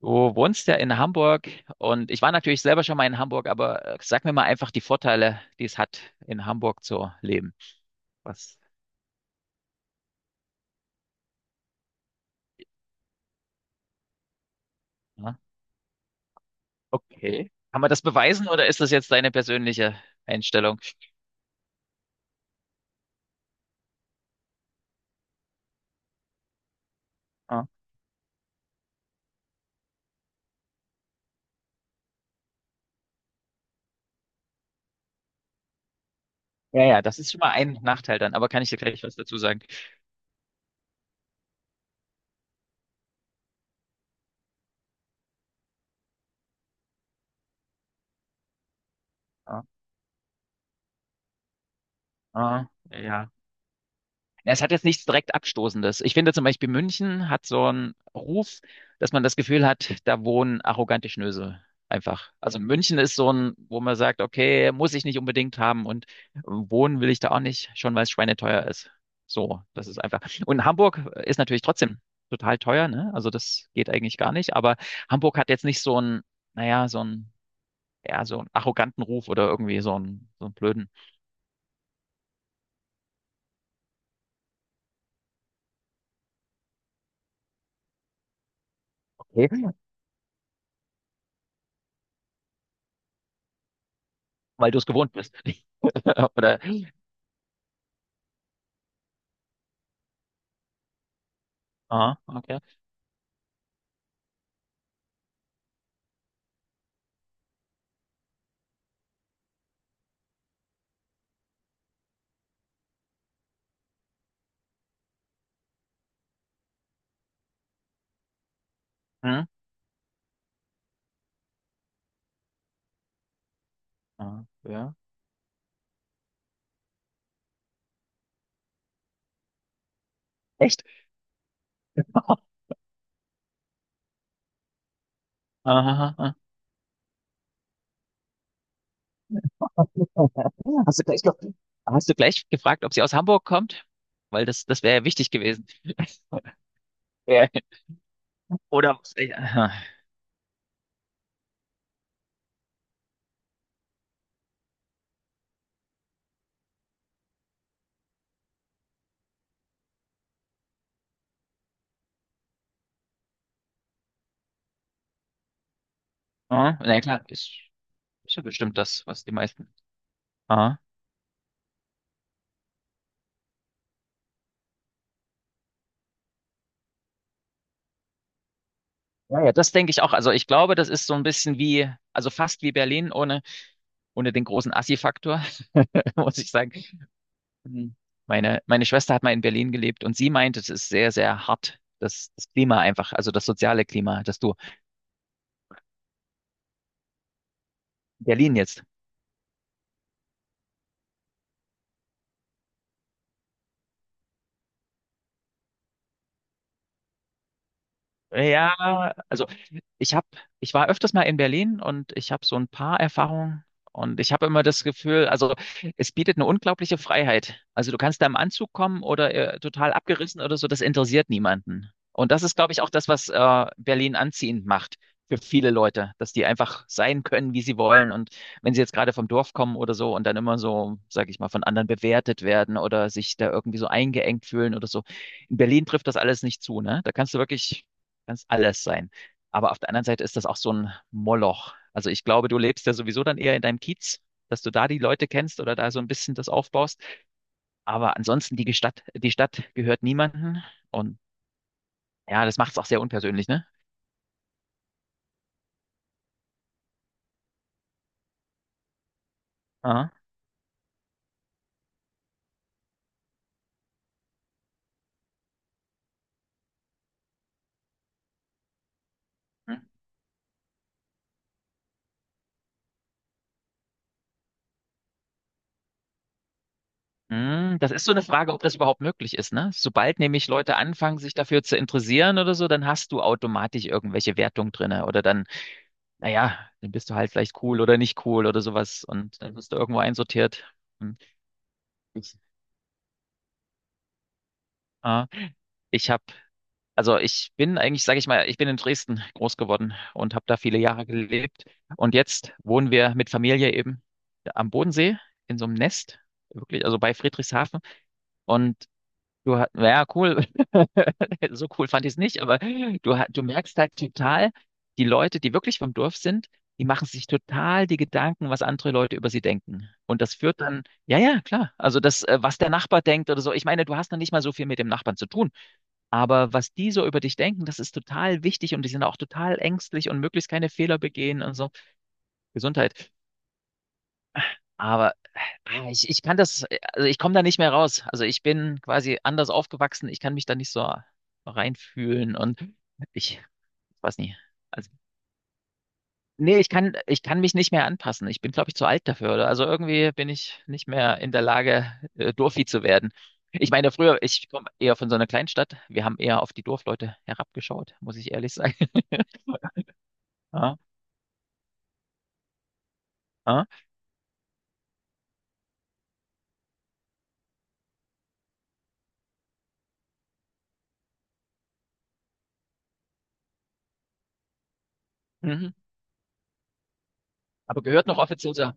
Du wohnst ja in Hamburg und ich war natürlich selber schon mal in Hamburg, aber sag mir mal einfach die Vorteile, die es hat, in Hamburg zu leben. Was? Ja? Okay. Kann man das beweisen oder ist das jetzt deine persönliche Einstellung? Ja, ja, ja, das ist schon mal ein Nachteil dann, aber kann ich dir gleich was dazu sagen? Ja, ja, ja. Ja, es hat jetzt nichts direkt Abstoßendes. Ich finde zum Beispiel, München hat so einen Ruf, dass man das Gefühl hat, da wohnen arrogante Schnösel. Einfach. Also München ist so ein, wo man sagt, okay, muss ich nicht unbedingt haben und wohnen will ich da auch nicht, schon weil es schweineteuer ist. So, das ist einfach. Und Hamburg ist natürlich trotzdem total teuer, ne? Also das geht eigentlich gar nicht, aber Hamburg hat jetzt nicht so einen, naja, so einen, ja, so einen arroganten Ruf oder irgendwie so einen blöden, okay. Weil du es gewohnt bist. Oder, ah, okay. Hm? Ah, ja. Echt? Aha, aha. Hast du gleich noch, hast du gleich gefragt, ob sie aus Hamburg kommt? Weil das, das wäre ja wichtig gewesen. Ja. Oder, ja, ah, na ja, klar, ist ja bestimmt das, was die meisten. Aha. Ja, ja, das denke ich auch. Also ich glaube, das ist so ein bisschen wie, also fast wie Berlin ohne, ohne den großen Assi-Faktor, muss ich sagen. Mhm. Meine, meine Schwester hat mal in Berlin gelebt und sie meint, es ist sehr, sehr hart, das, das Klima einfach, also das soziale Klima, dass du in Berlin jetzt. Ja, also ich habe, ich war öfters mal in Berlin und ich habe so ein paar Erfahrungen und ich habe immer das Gefühl, also es bietet eine unglaubliche Freiheit. Also du kannst da im Anzug kommen oder total abgerissen oder so, das interessiert niemanden. Und das ist, glaube ich, auch das, was Berlin anziehend macht für viele Leute, dass die einfach sein können, wie sie wollen. Und wenn sie jetzt gerade vom Dorf kommen oder so und dann immer so, sage ich mal, von anderen bewertet werden oder sich da irgendwie so eingeengt fühlen oder so. In Berlin trifft das alles nicht zu, ne? Da kannst du wirklich, kannst alles sein. Aber auf der anderen Seite ist das auch so ein Moloch. Also ich glaube, du lebst ja sowieso dann eher in deinem Kiez, dass du da die Leute kennst oder da so ein bisschen das aufbaust. Aber ansonsten die Stadt gehört niemandem. Und ja, das macht es auch sehr unpersönlich, ne? Aha. Hm, das ist so eine Frage, ob das überhaupt möglich ist, ne? Sobald nämlich Leute anfangen, sich dafür zu interessieren oder so, dann hast du automatisch irgendwelche Wertungen drinne oder dann, naja, dann bist du halt vielleicht cool oder nicht cool oder sowas und dann wirst du irgendwo einsortiert. Hm. Ich, ah, ich habe. Also ich bin eigentlich, sage ich mal, ich bin in Dresden groß geworden und habe da viele Jahre gelebt. Und jetzt wohnen wir mit Familie eben am Bodensee in so einem Nest, wirklich, also bei Friedrichshafen. Und du hast, ja, cool, so cool fand ich es nicht, aber du, du merkst halt total, die Leute, die wirklich vom Dorf sind, die machen sich total die Gedanken, was andere Leute über sie denken. Und das führt dann, ja, ja, klar. Also das, was der Nachbar denkt oder so. Ich meine, du hast dann nicht mal so viel mit dem Nachbarn zu tun. Aber was die so über dich denken, das ist total wichtig und die sind auch total ängstlich und möglichst keine Fehler begehen und so. Gesundheit. Aber ich, ich kann das, also ich komme da nicht mehr raus. Also ich bin quasi anders aufgewachsen. Ich kann mich da nicht so reinfühlen und ich weiß nicht. Also, nee, ich kann mich nicht mehr anpassen. Ich bin, glaube ich, zu alt dafür. Oder? Also irgendwie bin ich nicht mehr in der Lage, Dorfi zu werden. Ich meine, früher, ich komme eher von so einer Kleinstadt. Wir haben eher auf die Dorfleute herabgeschaut, muss ich ehrlich sagen. Ah, mhm. Aber gehört noch offiziell zur,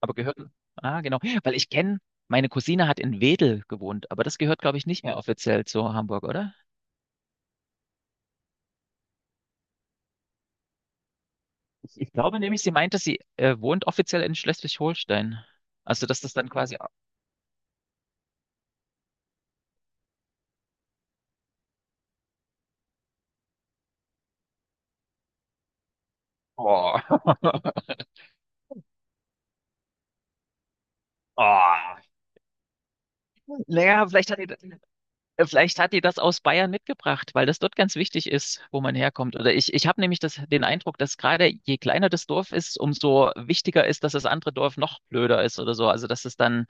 aber gehört, ah, genau, weil ich kenne, meine Cousine hat in Wedel gewohnt, aber das gehört, glaube ich, nicht mehr offiziell zu Hamburg, oder? Ich glaube nämlich, sie meinte, sie wohnt offiziell in Schleswig-Holstein. Also, dass das dann quasi, oh. Oh. Naja, vielleicht hat die das aus Bayern mitgebracht, weil das dort ganz wichtig ist, wo man herkommt. Oder ich habe nämlich das, den Eindruck, dass gerade je kleiner das Dorf ist, umso wichtiger ist, dass das andere Dorf noch blöder ist oder so. Also, dass es dann.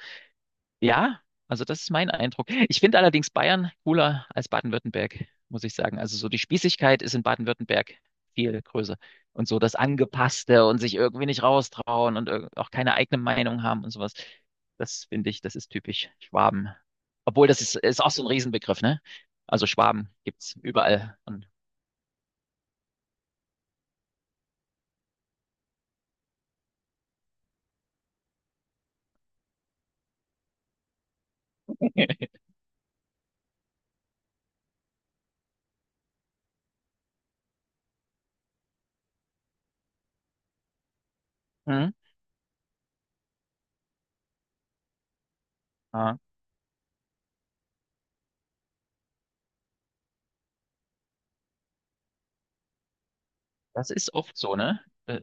Ja, also das ist mein Eindruck. Ich finde allerdings Bayern cooler als Baden-Württemberg, muss ich sagen. Also so die Spießigkeit ist in Baden-Württemberg viel größer. Und so das Angepasste und sich irgendwie nicht raustrauen und auch keine eigene Meinung haben und sowas. Das finde ich, das ist typisch Schwaben. Obwohl das ist, ist auch so ein Riesenbegriff, ne? Also Schwaben gibt's überall. Und, mhm, ja, das ist oft so, ne? Äh,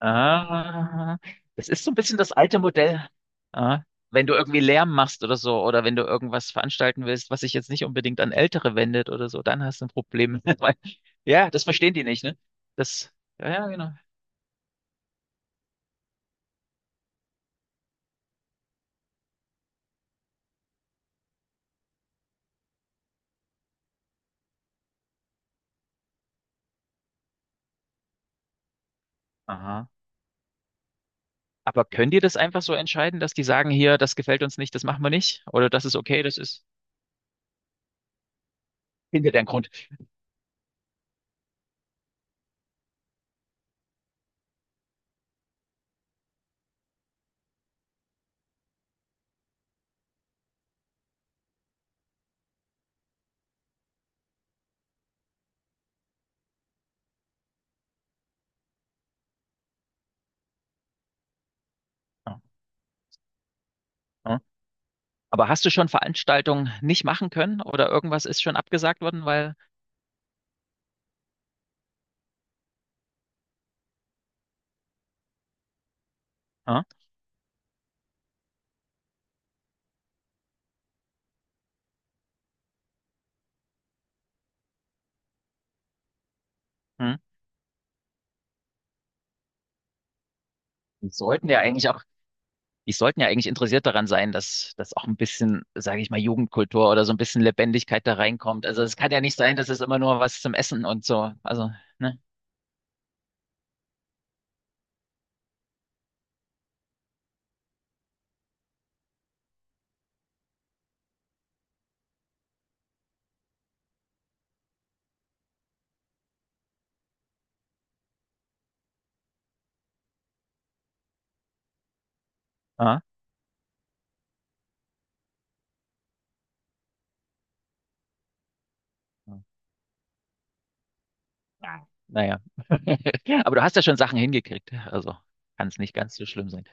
ah, das ist so ein bisschen das alte Modell. Ah, wenn du irgendwie Lärm machst oder so, oder wenn du irgendwas veranstalten willst, was sich jetzt nicht unbedingt an Ältere wendet oder so, dann hast du ein Problem. Weil, ja, das verstehen die nicht, ne? Das, ja, ja, genau. Aha. Aber können die das einfach so entscheiden, dass die sagen, hier, das gefällt uns nicht, das machen wir nicht? Oder das ist okay, das ist hinter deren Grund. Ja, ja. Aber hast du schon Veranstaltungen nicht machen können oder irgendwas ist schon abgesagt worden, weil, ja, hm. Die sollten ja eigentlich auch die sollten ja eigentlich interessiert daran sein, dass, dass auch ein bisschen, sage ich mal, Jugendkultur oder so ein bisschen Lebendigkeit da reinkommt. Also es kann ja nicht sein, dass es immer nur was zum Essen und so. Also, ne? Aha. Ja. Naja. Aber du hast ja schon Sachen hingekriegt. Also kann es nicht ganz so schlimm sein.